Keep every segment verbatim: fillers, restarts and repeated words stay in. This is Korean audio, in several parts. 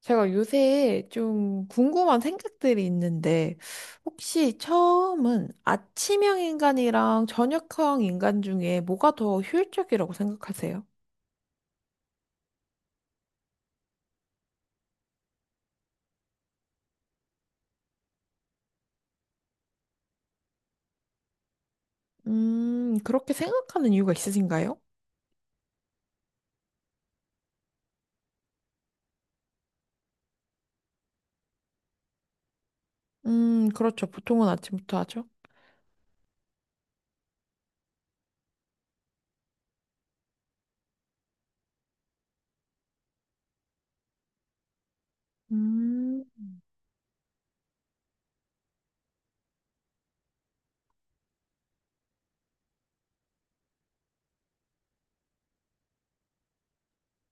제가 요새 좀 궁금한 생각들이 있는데, 혹시 처음은 아침형 인간이랑 저녁형 인간 중에 뭐가 더 효율적이라고 생각하세요? 음, 그렇게 생각하는 이유가 있으신가요? 음, 그렇죠. 보통은 아침부터 하죠. 음,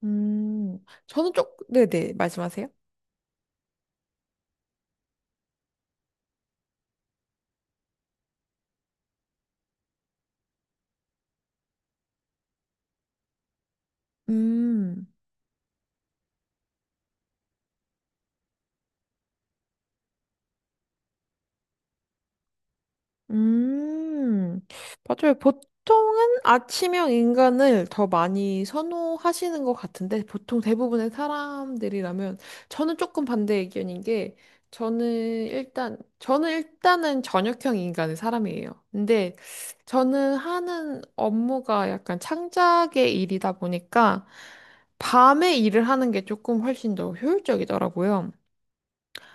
음, 저는 쪽, 네네, 말씀하세요. 음. 음, 맞아요. 보통은 아침형 인간을 더 많이 선호하시는 것 같은데, 보통 대부분의 사람들이라면, 저는 조금 반대 의견인 게, 저는 일단, 저는 일단은 저녁형 인간의 사람이에요. 근데 저는 하는 업무가 약간 창작의 일이다 보니까, 밤에 일을 하는 게 조금 훨씬 더 효율적이더라고요.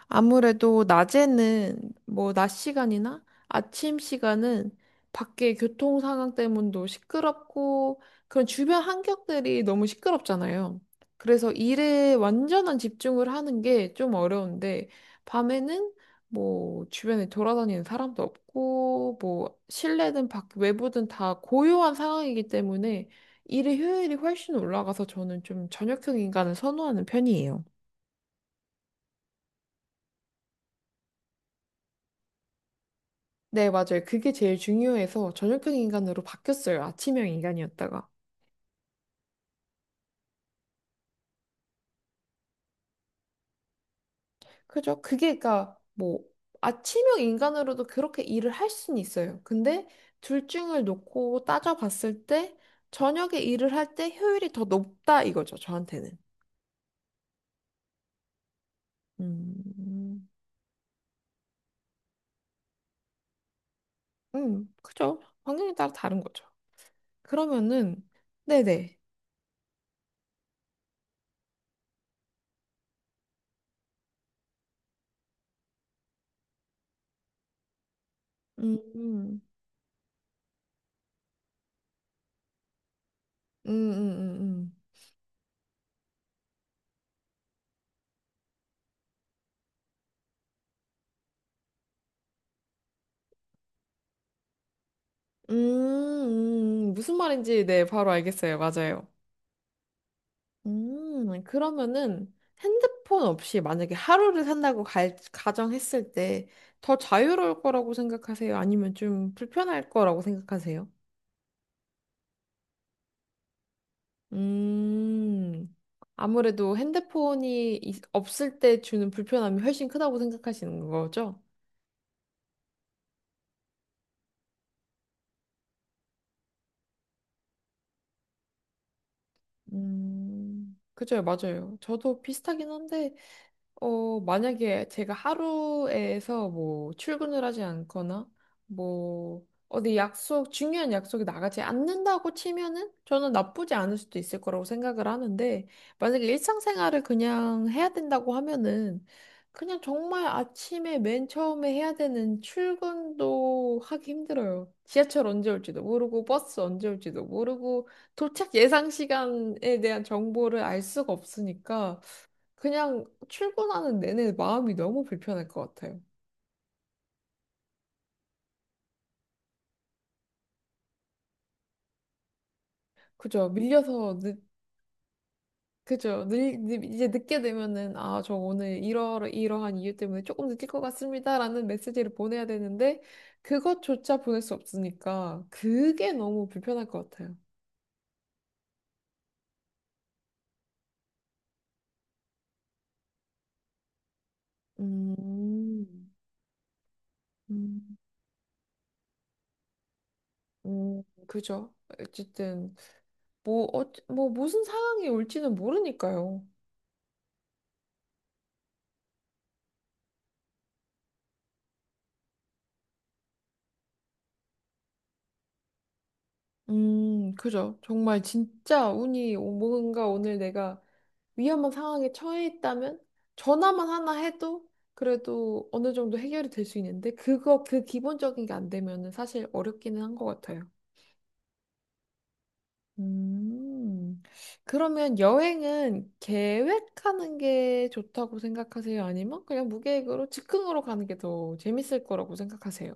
아무래도 낮에는 뭐 낮 시간이나 아침 시간은 밖에 교통 상황 때문도 시끄럽고 그런 주변 환경들이 너무 시끄럽잖아요. 그래서 일에 완전한 집중을 하는 게 좀 어려운데 밤에는 뭐 주변에 돌아다니는 사람도 없고 뭐 실내든 밖 외부든 다 고요한 상황이기 때문에 일의 효율이 훨씬 올라가서 저는 좀 저녁형 인간을 선호하는 편이에요. 네, 맞아요. 그게 제일 중요해서 저녁형 인간으로 바뀌었어요. 아침형 인간이었다가. 그죠? 그게, 그니까, 뭐, 아침형 인간으로도 그렇게 일을 할 수는 있어요. 근데 둘 중을 놓고 따져봤을 때, 저녁에 일을 할 때 효율이 더 높다 이거죠, 저한테는. 음, 음, 그죠? 환경에 따라 다른 거죠. 그러면은, 네네. 음, 음, 음, 음, 음. 음, 음, 음, 무슨 말인지, 네, 바로 알겠어요. 맞아요. 음, 그러면은 핸드폰 없이 만약에 하루를 산다고 갈, 가정했을 때 더 자유로울 거라고 생각하세요? 아니면 좀 불편할 거라고 생각하세요? 음, 아무래도 핸드폰이 있- 없을 때 주는 불편함이 훨씬 크다고 생각하시는 거죠? 음, 그죠, 맞아요. 저도 비슷하긴 한데 어, 만약에 제가 하루에서 뭐 출근을 하지 않거나 뭐 어디 약속, 중요한 약속에 나가지 않는다고 치면은 저는 나쁘지 않을 수도 있을 거라고 생각을 하는데 만약에 일상생활을 그냥 해야 된다고 하면은 그냥 정말 아침에 맨 처음에 해야 되는 출근도 하기 힘들어요. 지하철 언제 올지도 모르고 버스 언제 올지도 모르고 도착 예상 시간에 대한 정보를 알 수가 없으니까 그냥 출근하는 내내 마음이 너무 불편할 것 같아요. 그죠? 밀려서 늦, 그죠? 늘, 늦- 이제 늦게 되면은 아, 저 오늘 이러 이러한 이유 때문에 조금 늦을 것 같습니다라는 메시지를 보내야 되는데 그것조차 보낼 수 없으니까 그게 너무 불편할 것 같아요. 음, 음, 음, 그죠? 어쨌든 뭐, 어, 뭐 무슨 상황이 올지는 모르니까요. 음, 그죠? 정말 진짜 운이 오- 뭔가 오늘 내가 위험한 상황에 처해 있다면 전화만 하나 해도 그래도 어느 정도 해결이 될 수 있는데 그거 그 기본적인 게 안 되면은 사실 어렵기는 한 것 같아요. 음, 그러면 여행은 계획하는 게 좋다고 생각하세요? 아니면 그냥 무계획으로 즉흥으로 가는 게 더 재밌을 거라고 생각하세요?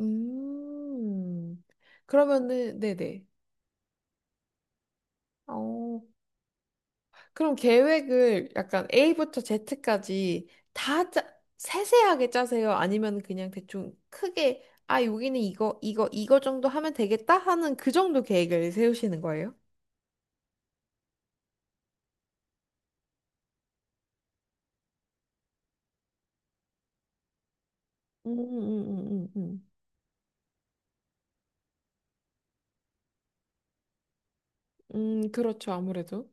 음, 그러면은, 네네. 어, 그럼 계획을 약간 에이부터 제트까지 다 짜, 세세하게 짜세요? 아니면 그냥 대충 크게, 아, 여기는 이거, 이거, 이거 정도 하면 되겠다 하는 그 정도 계획을 세우시는 거예요? 음, 음, 음, 음, 음. 음, 그렇죠, 아무래도.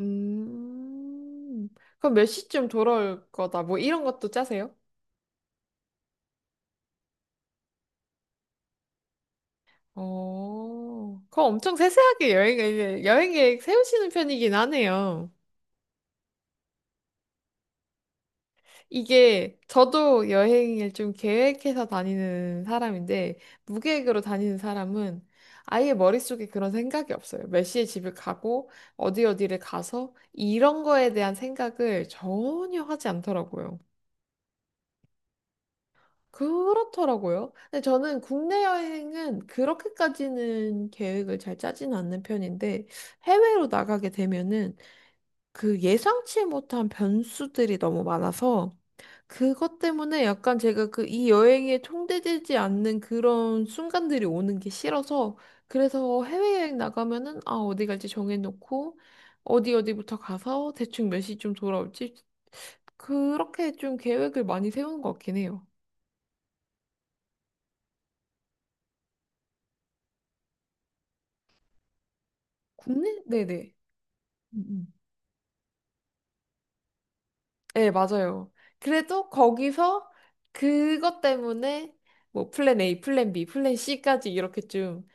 음, 그럼 몇 시쯤 돌아올 거다, 뭐 이런 것도 짜세요? 어, 그거 엄청 세세하게 여행, 여행 계획 세우시는 편이긴 하네요. 이게 저도 여행을 좀 계획해서 다니는 사람인데 무계획으로 다니는 사람은 아예 머릿속에 그런 생각이 없어요. 몇 시에 집을 가고 어디 어디를 가서 이런 거에 대한 생각을 전혀 하지 않더라고요. 그렇더라고요. 근데 저는 국내 여행은 그렇게까지는 계획을 잘 짜지는 않는 편인데 해외로 나가게 되면은 그 예상치 못한 변수들이 너무 많아서 그것 때문에 약간 제가 그 이 여행에 총대되지 않는 그런 순간들이 오는 게 싫어서 그래서 해외여행 나가면은 아 어디 갈지 정해놓고 어디 어디부터 가서 대충 몇 시쯤 돌아올지 그렇게 좀 계획을 많이 세우는 것 같긴 해요. 국내? 네네. 음, 음. 네, 맞아요. 그래도 거기서 그것 때문에 뭐 플랜 에이, 플랜 비, 플랜 시까지 이렇게 좀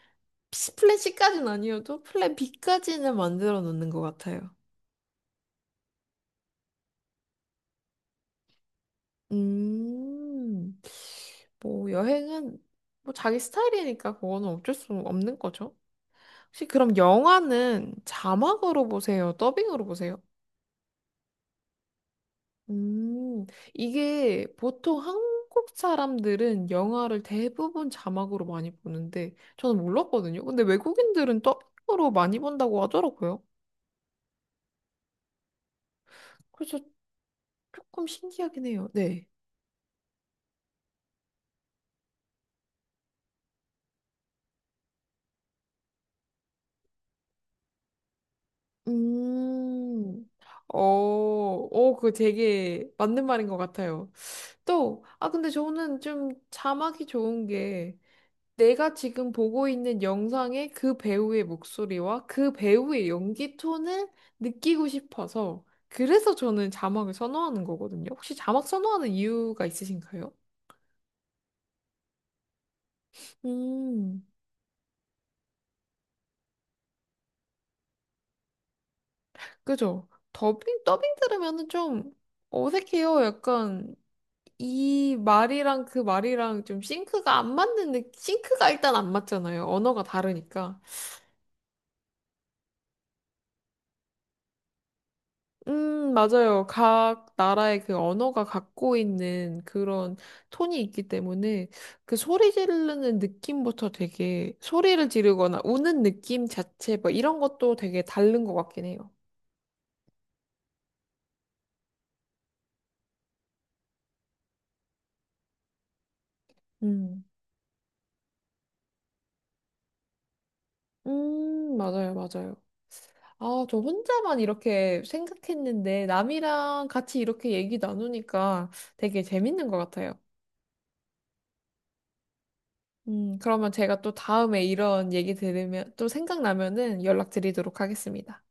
플랜 시까지는 아니어도 플랜 비까지는 만들어 놓는 것 같아요. 음, 뭐 여행은 뭐 자기 스타일이니까 그거는 어쩔 수 없는 거죠. 혹시 그럼 영화는 자막으로 보세요? 더빙으로 보세요? 음, 이게 보통 한국 사람들은 영화를 대부분 자막으로 많이 보는데 저는 몰랐거든요. 근데 외국인들은 더빙으로 많이 본다고 하더라고요. 그래서 조금 신기하긴 해요. 네. 음, 어, 어, 그 되게 맞는 말인 것 같아요. 또, 아, 근데 저는 좀 자막이 좋은 게 내가 지금 보고 있는 영상의 그 배우의 목소리와 그 배우의 연기 톤을 느끼고 싶어서 그래서 저는 자막을 선호하는 거거든요. 혹시 자막 선호하는 이유가 있으신가요? 음, 그죠. 더빙, 더빙 들으면은 좀 어색해요. 약간 이 말이랑 그 말이랑 좀 싱크가 안 맞는 느낌, 싱크가 일단 안 맞잖아요. 언어가 다르니까. 음, 맞아요. 각 나라의 그 언어가 갖고 있는 그런 톤이 있기 때문에 그 소리 지르는 느낌부터 되게 소리를 지르거나 우는 느낌 자체 뭐 이런 것도 되게 다른 것 같긴 해요. 음, 음, 맞아요, 맞아요. 아, 저 혼자만 이렇게 생각했는데 남이랑 같이 이렇게 얘기 나누니까 되게 재밌는 것 같아요. 음, 그러면 제가 또 다음에 이런 얘기 들으면 또 생각나면은 연락드리도록 하겠습니다.